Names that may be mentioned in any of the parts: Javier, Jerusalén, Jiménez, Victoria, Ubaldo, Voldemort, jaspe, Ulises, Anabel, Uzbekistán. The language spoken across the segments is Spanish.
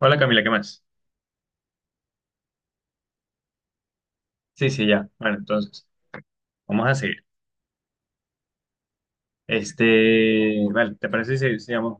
Hola Camila, ¿qué más? Sí, sí, ya. Bueno, entonces, vamos a seguir. Este, vale, ¿te parece si sigamos?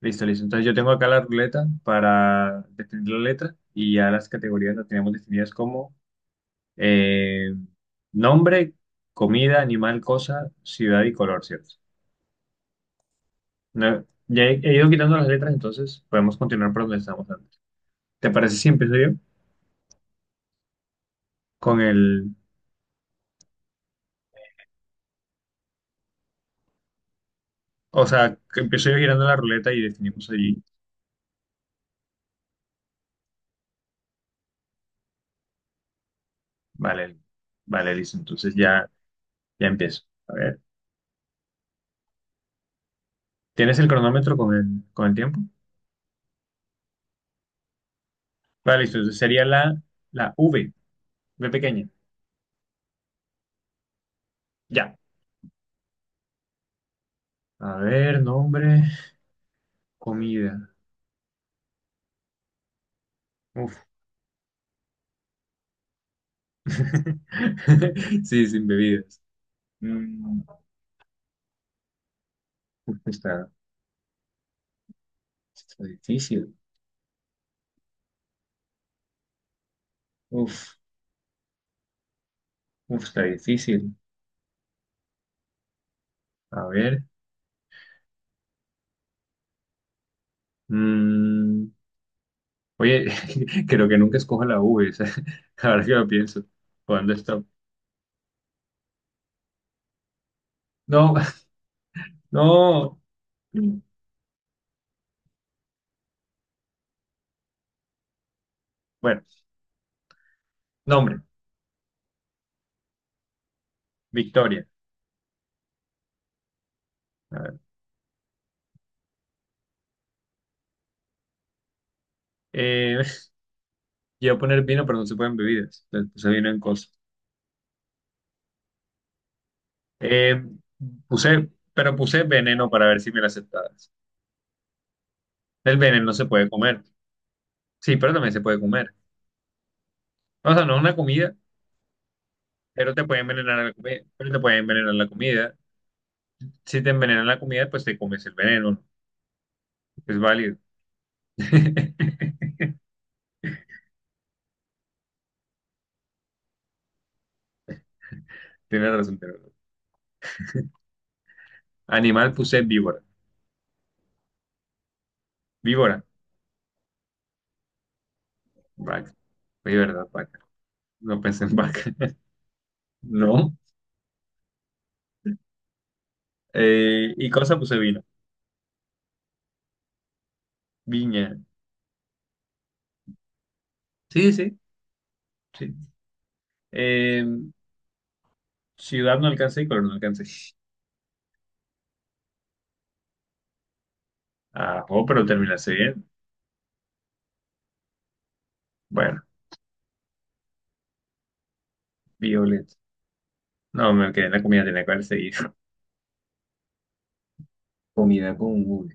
Listo, listo. Entonces yo tengo acá la ruleta para definir la letra y ya las categorías las tenemos definidas como eh, nombre, comida, animal, cosa, ciudad y color, ¿cierto? No, ya he ido quitando las letras, entonces podemos continuar por donde estábamos antes. ¿Te parece si empiezo yo con el, o sea, que empiezo yo girando la ruleta y definimos allí? Vale, vale, listo. Entonces ya. Ya empiezo. A ver. ¿Tienes el cronómetro con el tiempo? Vale, listo. Entonces sería la V, V pequeña. Ya. A ver, nombre, comida. Uf. Sí, sin bebidas. Mm, uf, está, está difícil. Uf, uf, está difícil. A ver. mm, oye, creo que nunca escojo la V. O sea, ahora que lo pienso. ¿Cuándo está? No, no. Bueno, nombre, Victoria. Eh, iba a poner vino, pero no se pueden bebidas. Entonces puse vino en cosas. Eh, pero puse veneno para ver si me la aceptabas. El veneno se puede comer. Sí, pero también se puede comer. O sea, no es una comida, pero te puede envenenar la comida. Pero te puede envenenar la comida. Si te envenenan la comida, pues te comes el veneno, ¿no? Es válido. Tienes razón, tienes razón. Animal puse víbora. Víbora. Vaca. Oye, ¿verdad? Vaca. No pensé en vaca. No. Y cosa puse vino. Viña. Sí, sí. Sí. Eh, ciudad no alcancé y color no alcancé. Ah, oh, pero terminaste bien. Bueno, Violet. No, me quedé en la comida, tenía que haber seguido. Comida con V.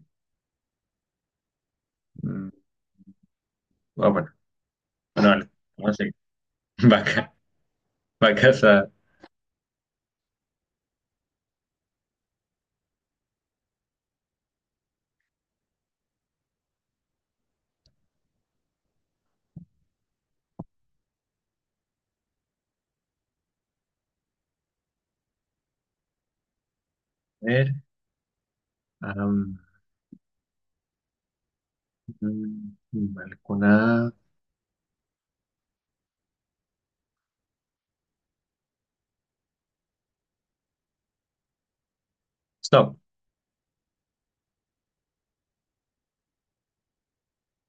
Mm, ah, bueno, bueno, vale. Vamos a seguir. Vaca, vacas a ver. am, animal con A. Stop.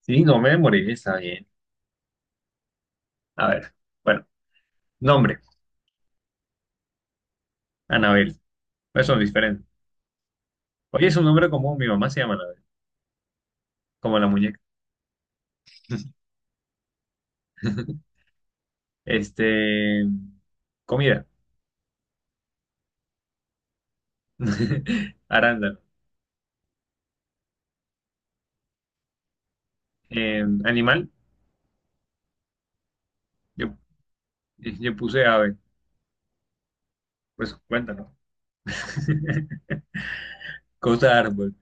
Sí, no me morí, está bien. A ver, bueno, nombre, Anabel. Pues son diferentes. Oye, es un nombre común, mi mamá se llama Anabel, como la muñeca. Este, comida. Arándano. Animal, yo, yo puse ave. Pues cuéntalo. Costa árbol,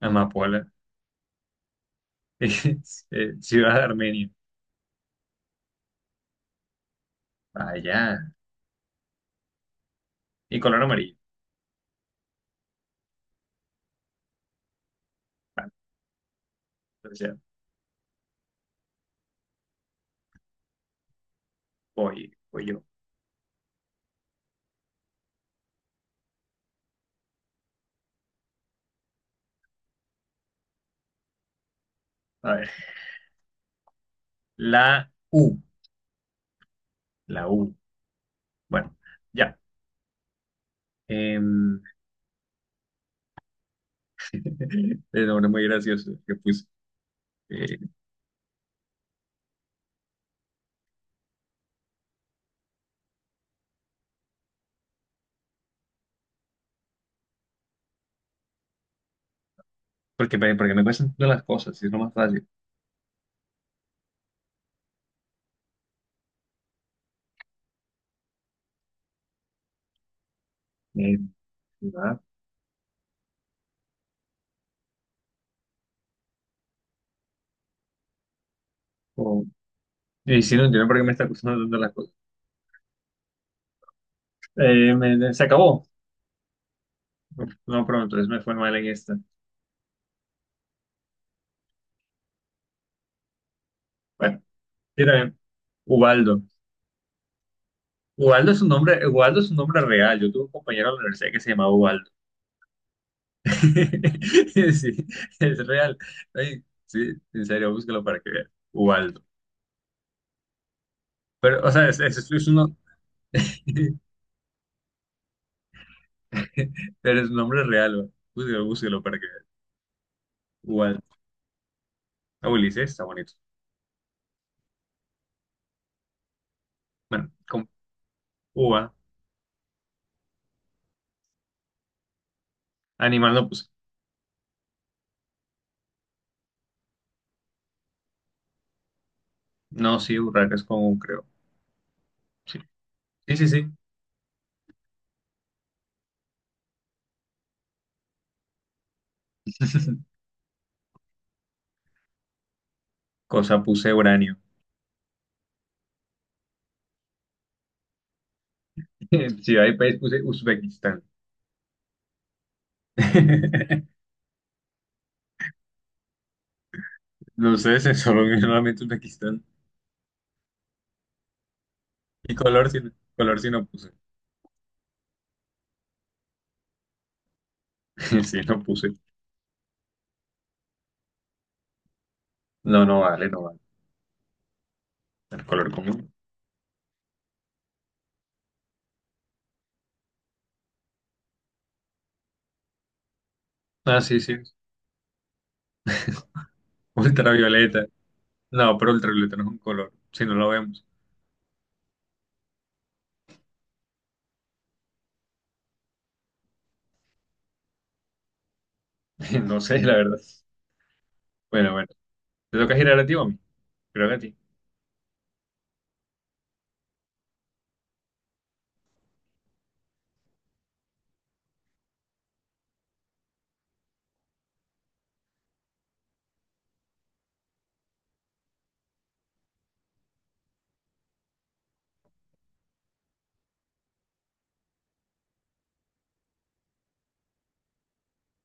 amapola. Ciudad de Armenia. Allá. Y color amarillo. Vale, entonces ya voy yo. A ver. La U. La U. Bueno, ya. Em, el nombre muy gracioso que puse. Eh, porque no me cuestan todas las cosas, es lo más fácil. Eh, ¿Verdad? O- y si no entiendo por qué me está costando tanto las cosas. Se acabó. No, pero entonces me fue mal en esta. Bueno, mira, bien. Ubaldo. Ubaldo es un nombre, Ubaldo es un nombre real. Yo tuve un compañero en la universidad que se llamaba Ubaldo. Sí, es real. Ay, sí, en serio, búscalo para que veas. Ubaldo. Pero, o sea, es uno- pero es un nombre real. Güey. Búscalo, búscalo para que veas. Ubaldo. Ah, Ulises, está bonito. Bueno, con uva. Animal no puse. No, sí, urraca es común, creo. Sí, sí, sí. Cosa puse uranio. Ciudad y país puse Uzbekistán. No sé, se solo solamente Uzbekistán. Y color sí no puse. Sí, no puse. No, no vale, no vale. El color común. Ah, sí, sí. Ultravioleta. No, pero ultravioleta no es un color. Si no lo vemos. No sé, la verdad. Bueno, bueno. ¿Te toca girar a ti o a mí? Creo que a ti.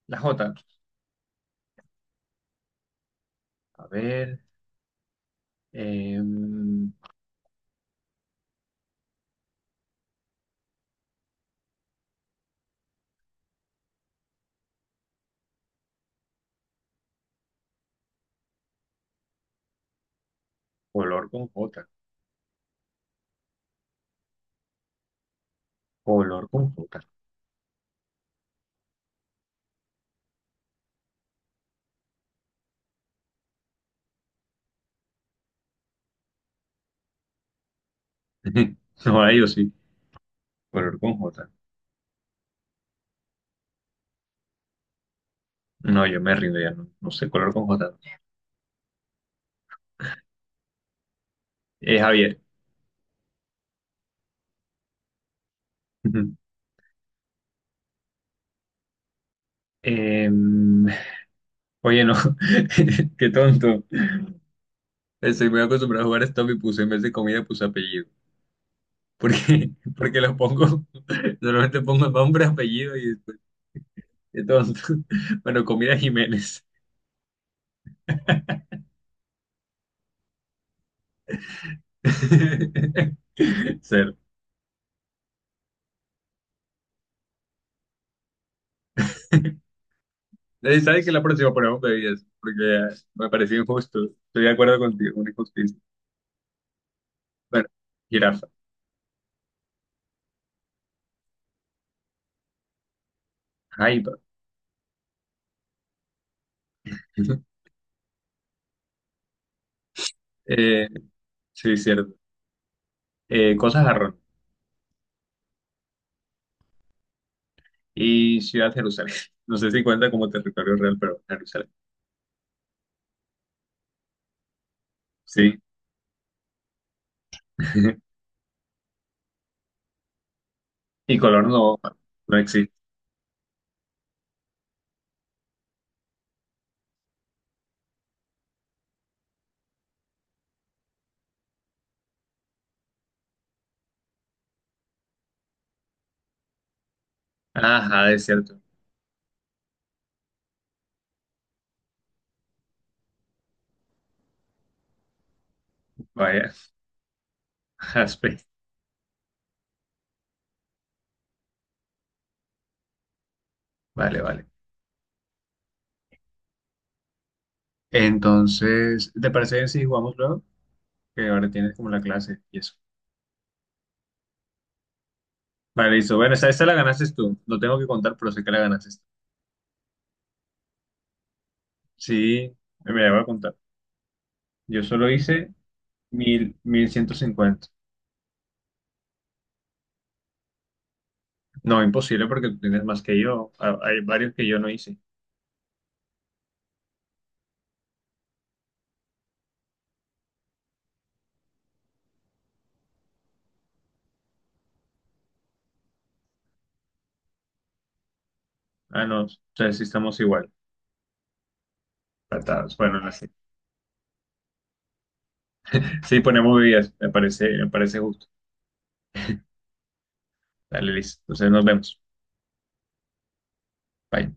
La J. A ver. em, color con J. Color con J. No hay, yo sí. Color con J. No, yo me rindo ya. No, no sé, color con J. Javier. Ujú. Em, oye, no, qué tonto. Estoy muy acostumbrado a jugar stop y puse en vez de comida, puse apellido. Porque lo pongo, normalmente pongo nombre, apellido y después, qué tonto. Bueno, comida Jiménez. Cero. ¿Sabes que la próxima ponemos bebidas? Porque me pareció injusto. Estoy de acuerdo contigo, una injusticia. Bueno, jirafa, jaiba. Eh, sí, cierto. Cosas arroz. Y Ciudad Jerusalén. No sé si cuenta como territorio real, pero Jerusalén. Sí. Y color no, no existe. Ajá, es cierto. Vaya, jaspe. Vale, vale. Entonces, ¿te parece bien si jugamos luego? Que ahora tienes como la clase y eso. Vale, listo. Bueno, esta la ganaste tú. No tengo que contar, pero sé que la ganaste tú. Sí, me la voy a contar. Yo solo hice 1.000, 1.150. No, imposible porque tú tienes más que yo. Ah, hay varios que yo no hice. Ah, no. O sea, sí estamos igual. Atados. Bueno, no sé. Sí, ponemos bebidas. Me parece justo. Dale, listo. Entonces nos vemos. Bye.